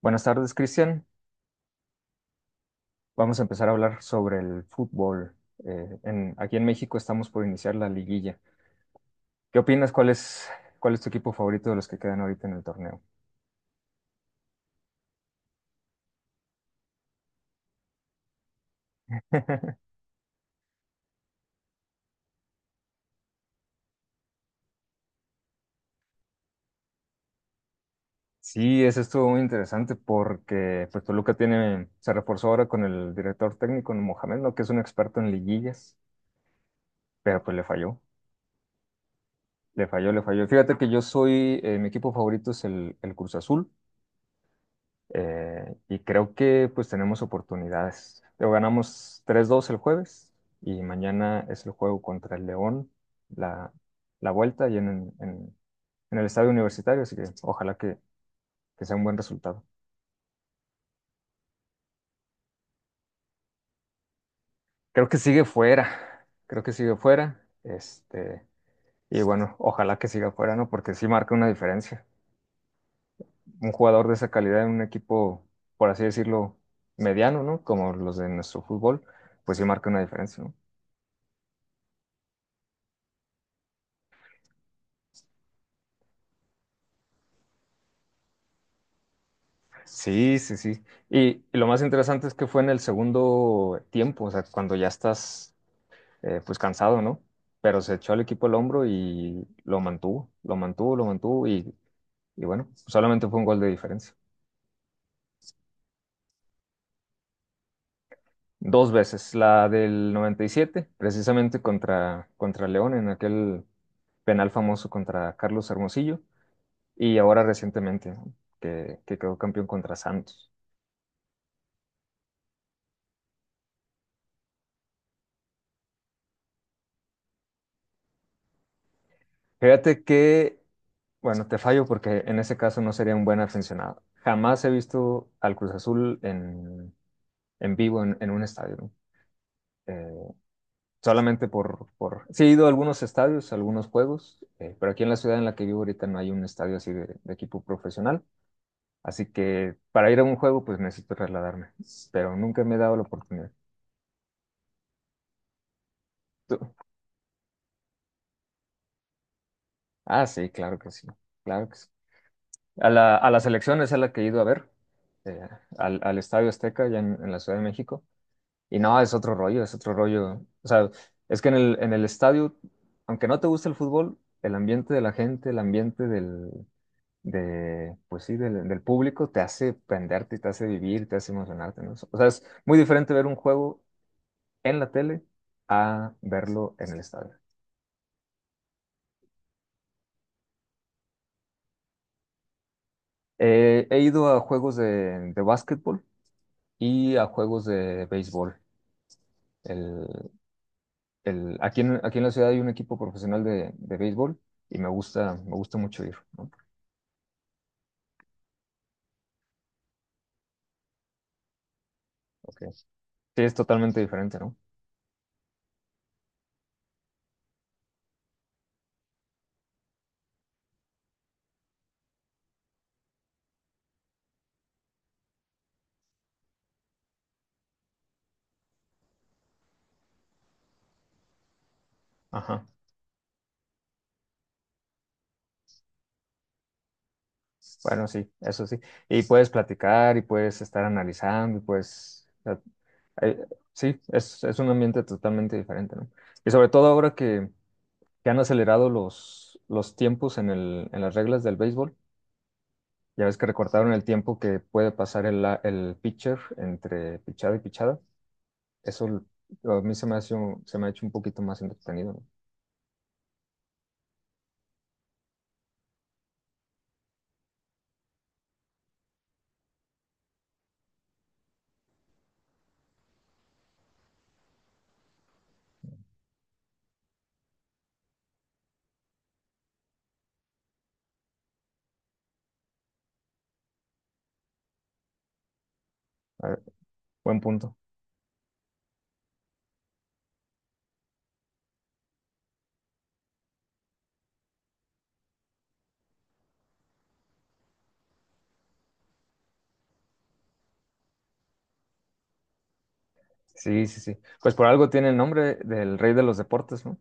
Buenas tardes, Cristian. Vamos a empezar a hablar sobre el fútbol. Aquí en México estamos por iniciar la liguilla. ¿Qué opinas? ¿Cuál es tu equipo favorito de los que quedan ahorita en el torneo? Sí, eso estuvo muy interesante porque pues, Toluca tiene, se reforzó ahora con el director técnico Mohamed, ¿no?, que es un experto en liguillas, pero pues le falló, le falló, le falló. Fíjate que mi equipo favorito es el Cruz Azul. Y creo que pues tenemos oportunidades. Lo ganamos 3-2 el jueves y mañana es el juego contra el León, la, la vuelta y en- en el estadio universitario, así que ojalá que sea un buen resultado. Creo que sigue fuera, creo que sigue fuera, y bueno, ojalá que siga fuera, ¿no? Porque sí marca una diferencia. Un jugador de esa calidad en un equipo, por así decirlo, mediano, ¿no? Como los de nuestro fútbol, pues sí marca una diferencia, ¿no? Sí, sí, sí. Y, y lo más interesante es que fue en el segundo tiempo, o sea, cuando ya estás, pues cansado, ¿no? Pero se echó al equipo el hombro y lo mantuvo, lo mantuvo, lo mantuvo, y bueno, solamente fue un gol de diferencia. Dos veces, la del 97, precisamente contra, León en aquel penal famoso contra Carlos Hermosillo y ahora recientemente, ¿no?, que quedó campeón contra Santos. Fíjate que Bueno, te fallo porque en ese caso no sería un buen aficionado. Jamás he visto al Cruz Azul en vivo, en un estadio, ¿no? Eh, solamente por. Sí, he ido a algunos estadios, a algunos juegos, pero aquí en la ciudad en la que vivo ahorita no hay un estadio así de equipo profesional. Así que para ir a un juego, pues necesito trasladarme. Pero nunca me he dado la oportunidad. ¿Tú? Ah, sí, claro que sí. Claro que sí. A la selección es a la que he ido a ver, eh, al Estadio Azteca, allá en la Ciudad de México. Y no, es otro rollo, es otro rollo. O sea, es que en el estadio, aunque no te guste el fútbol, el ambiente de la gente, el ambiente pues sí, del público te hace prenderte, te hace vivir, te hace emocionarte, ¿no? O sea, es muy diferente ver un juego en la tele a verlo en el estadio. He ido a juegos de básquetbol y a juegos de béisbol. El, aquí en la ciudad hay un equipo profesional de béisbol y me gusta mucho ir, ¿no? Ok. Sí, es totalmente diferente, ¿no? Ajá. Bueno, sí, eso sí. Y puedes platicar y puedes estar analizando y puedes, o sea, eh, sí, es un ambiente totalmente diferente, ¿no? Y sobre todo ahora que han acelerado los tiempos en las reglas del béisbol, ya ves que recortaron el tiempo que puede pasar el pitcher entre pichada y pichada. Eso a mí se me ha hecho un poquito más entretenido, ¿no? A ver, buen punto. Sí, sí, sí. Pues por algo tiene el nombre del rey de los deportes, ¿no?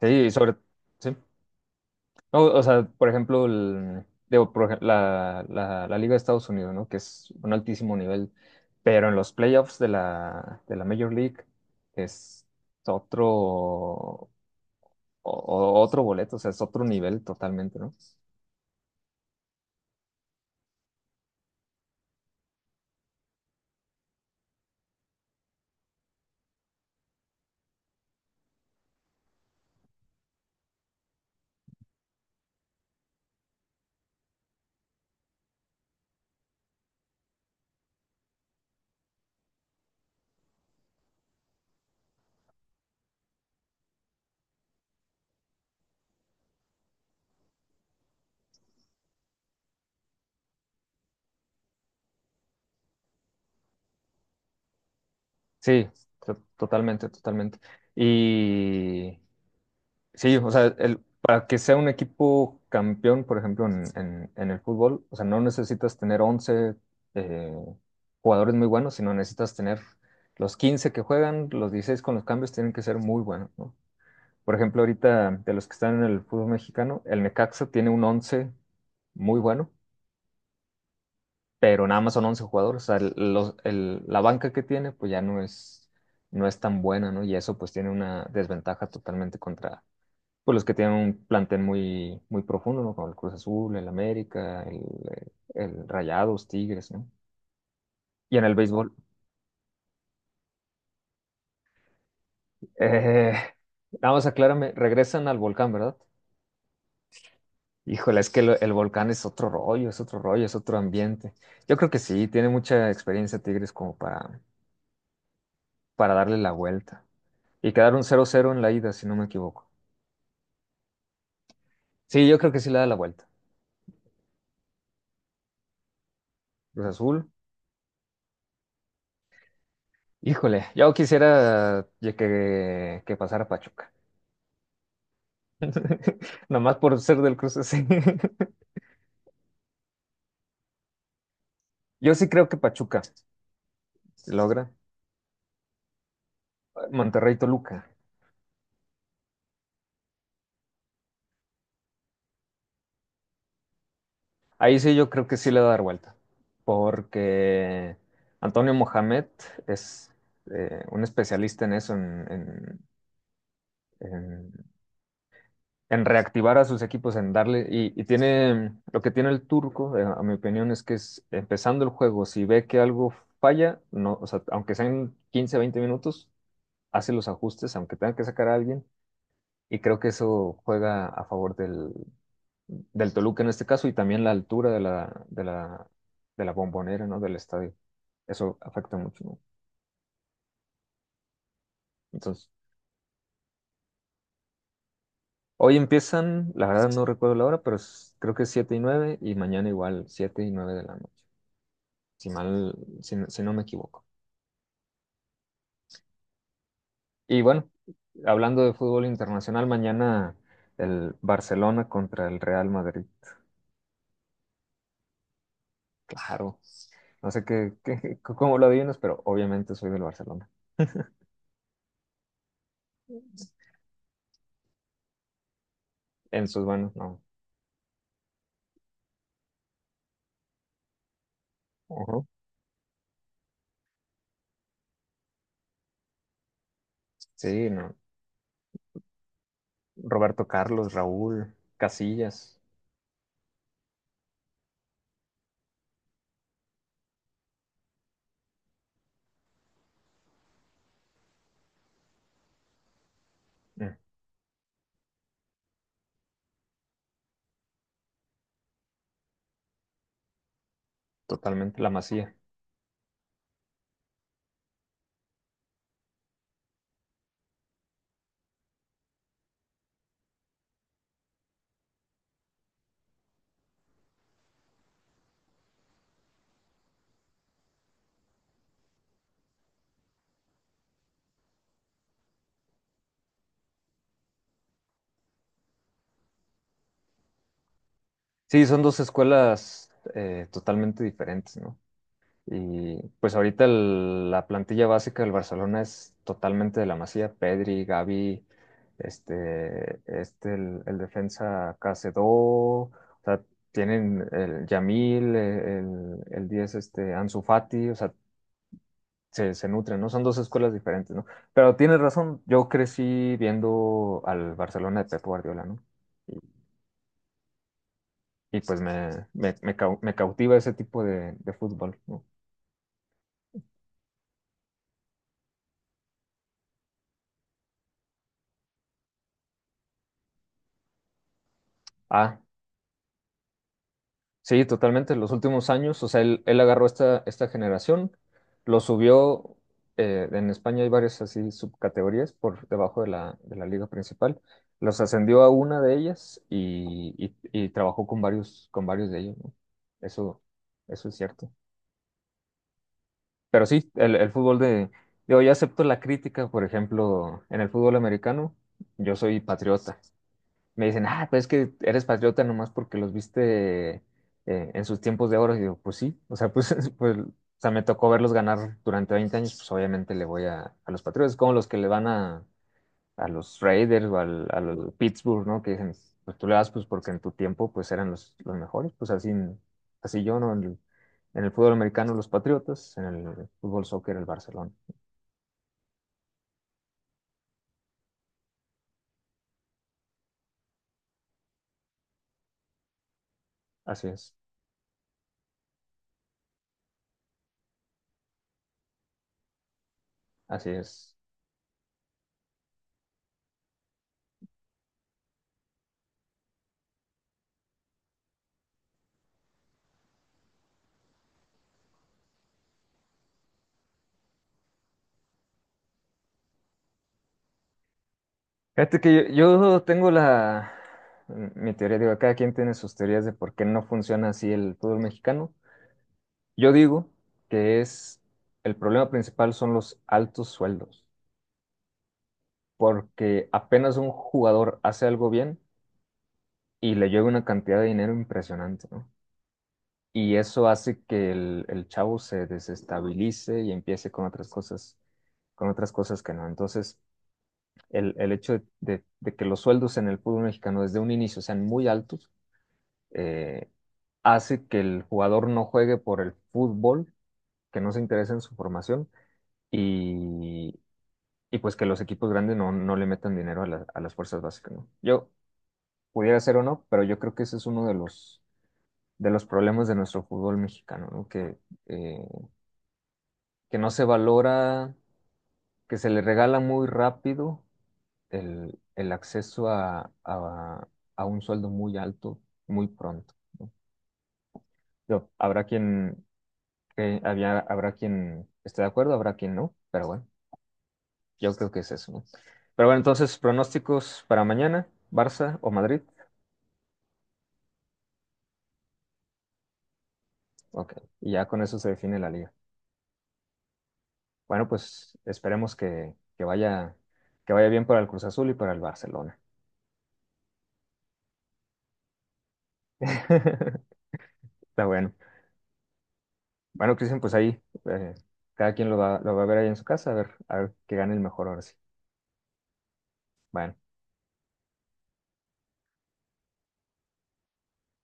Sí, sí. No, o sea, por ejemplo, digo, por ej- la- la Liga de Estados Unidos, ¿no? Que es un altísimo nivel, pero en los playoffs de la Major League es otro, o- o- otro boleto, o sea, es otro nivel totalmente, ¿no? Sí, totalmente, totalmente. Y, Sí, o sea, para que sea un equipo campeón, por ejemplo, en, en el fútbol, o sea, no necesitas tener once, eh, jugadores muy buenos, sino necesitas tener los 15 que juegan, los 16 con los cambios tienen que ser muy buenos, ¿no? Por ejemplo, ahorita de los que están en el fútbol mexicano, el Necaxa tiene un 11 muy bueno, pero nada más son 11 jugadores, o sea, la banca que tiene, pues ya no es tan buena, ¿no? Y eso pues tiene una desventaja totalmente contra pues los que tienen un plantel muy, muy profundo, ¿no? Como el Cruz Azul, el América, el Rayados, Tigres, ¿no? Y en el béisbol. Eh, Nada más aclárame, regresan al volcán, ¿verdad? Híjole, es que el volcán es otro rollo, es otro rollo, es otro ambiente. Yo creo que sí, tiene mucha experiencia Tigres como para darle la vuelta. Y quedaron 0-0 en la ida, si no me equivoco. Sí, yo creo que sí le da la vuelta. Cruz Azul, híjole, yo quisiera que pasara Pachuca. Nomás por ser del Cruz Azul. Yo sí creo que Pachuca se logra. Monterrey Toluca. Ahí sí yo creo que sí le va a dar vuelta. Porque Antonio Mohamed es, un especialista en eso, en- en reactivar a sus equipos, en darle. Y tiene lo que tiene el turco, a mi opinión, es que es empezando el juego, si ve que algo falla, no, o sea, aunque sean 15, 20 minutos, hace los ajustes, aunque tenga que sacar a alguien. Y creo que eso juega a favor del Toluca en este caso y también la altura de la Bombonera, ¿no? Del estadio. Eso afecta mucho, ¿no? Entonces, hoy empiezan, la verdad no recuerdo la hora, pero creo que es 7 y 9 y mañana igual 7 y 9 de la noche, si mal, si, si no me equivoco. Y bueno, hablando de fútbol internacional, mañana el Barcelona contra el Real Madrid. Claro, no sé cómo lo adivinas, pero obviamente soy del Barcelona. En sus manos no. Ujú. Sí, no. Roberto Carlos, Raúl, Casillas, mm, totalmente La Masía. Sí, son dos escuelas totalmente diferentes, ¿no? Y pues ahorita la plantilla básica del Barcelona es totalmente de La Masía, Pedri, Gavi, el defensa Cacedó. O sea, tienen el Yamil, el 10, Ansu Fati. O sea, se nutren, ¿no? Son dos escuelas diferentes, ¿no? Pero tienes razón, yo crecí viendo al Barcelona de Pep Guardiola, ¿no? Y, y pues me cautiva ese tipo de fútbol, ¿no? Ah, sí, totalmente, los últimos años, o sea, él agarró esta generación, lo subió, en España hay varias así subcategorías por debajo de la liga principal, los ascendió a una de ellas y trabajó con varios de ellos, ¿no? Eso, eso es cierto. Pero sí, el fútbol digo, yo acepto la crítica, por ejemplo, en el fútbol americano, yo soy patriota. Me dicen, ah, pues es que eres patriota nomás porque los viste en sus tiempos de oro. Y digo, pues sí, o sea, pues, pues, o sea, me tocó verlos ganar durante 20 años, pues obviamente le voy a los patriotas, como los que le van a los Raiders o a los Pittsburgh, ¿no? Que dicen, pues tú le das pues porque en tu tiempo pues eran los mejores, pues así, así yo, ¿no? En el fútbol americano los Patriotas, en el fútbol soccer el Barcelona. Así es, así es. Fíjate que yo tengo mi teoría, digo, cada quien tiene sus teorías de por qué no funciona así el fútbol mexicano. Yo digo que es, el problema principal son los altos sueldos, porque apenas un jugador hace algo bien, y le llega una cantidad de dinero impresionante, ¿no? Y eso hace que el chavo se desestabilice y empiece con otras cosas que no. Entonces, el hecho de que los sueldos en el fútbol mexicano desde un inicio sean muy altos, eh, hace que el jugador no juegue por el fútbol, que no se interese en su formación y, y pues que los equipos grandes no le metan dinero a las fuerzas básicas, ¿no? Yo pudiera ser o no, pero yo creo que ese es uno de los problemas de nuestro fútbol mexicano, ¿no? Eh, que no se valora, que se le regala muy rápido el acceso a un sueldo muy alto muy pronto. Yo, habrá quien, que había, habrá quien esté de acuerdo, habrá quien no, pero bueno, yo creo que es eso, ¿no? Pero bueno, entonces, pronósticos para mañana, Barça o Madrid. Ok, y ya con eso se define la liga. Bueno, pues esperemos que vaya bien para el Cruz Azul y para el Barcelona. Está bueno. Bueno, Cristian, pues ahí eh, cada quien lo va a ver ahí en su casa, a ver que gane el mejor ahora sí. Bueno.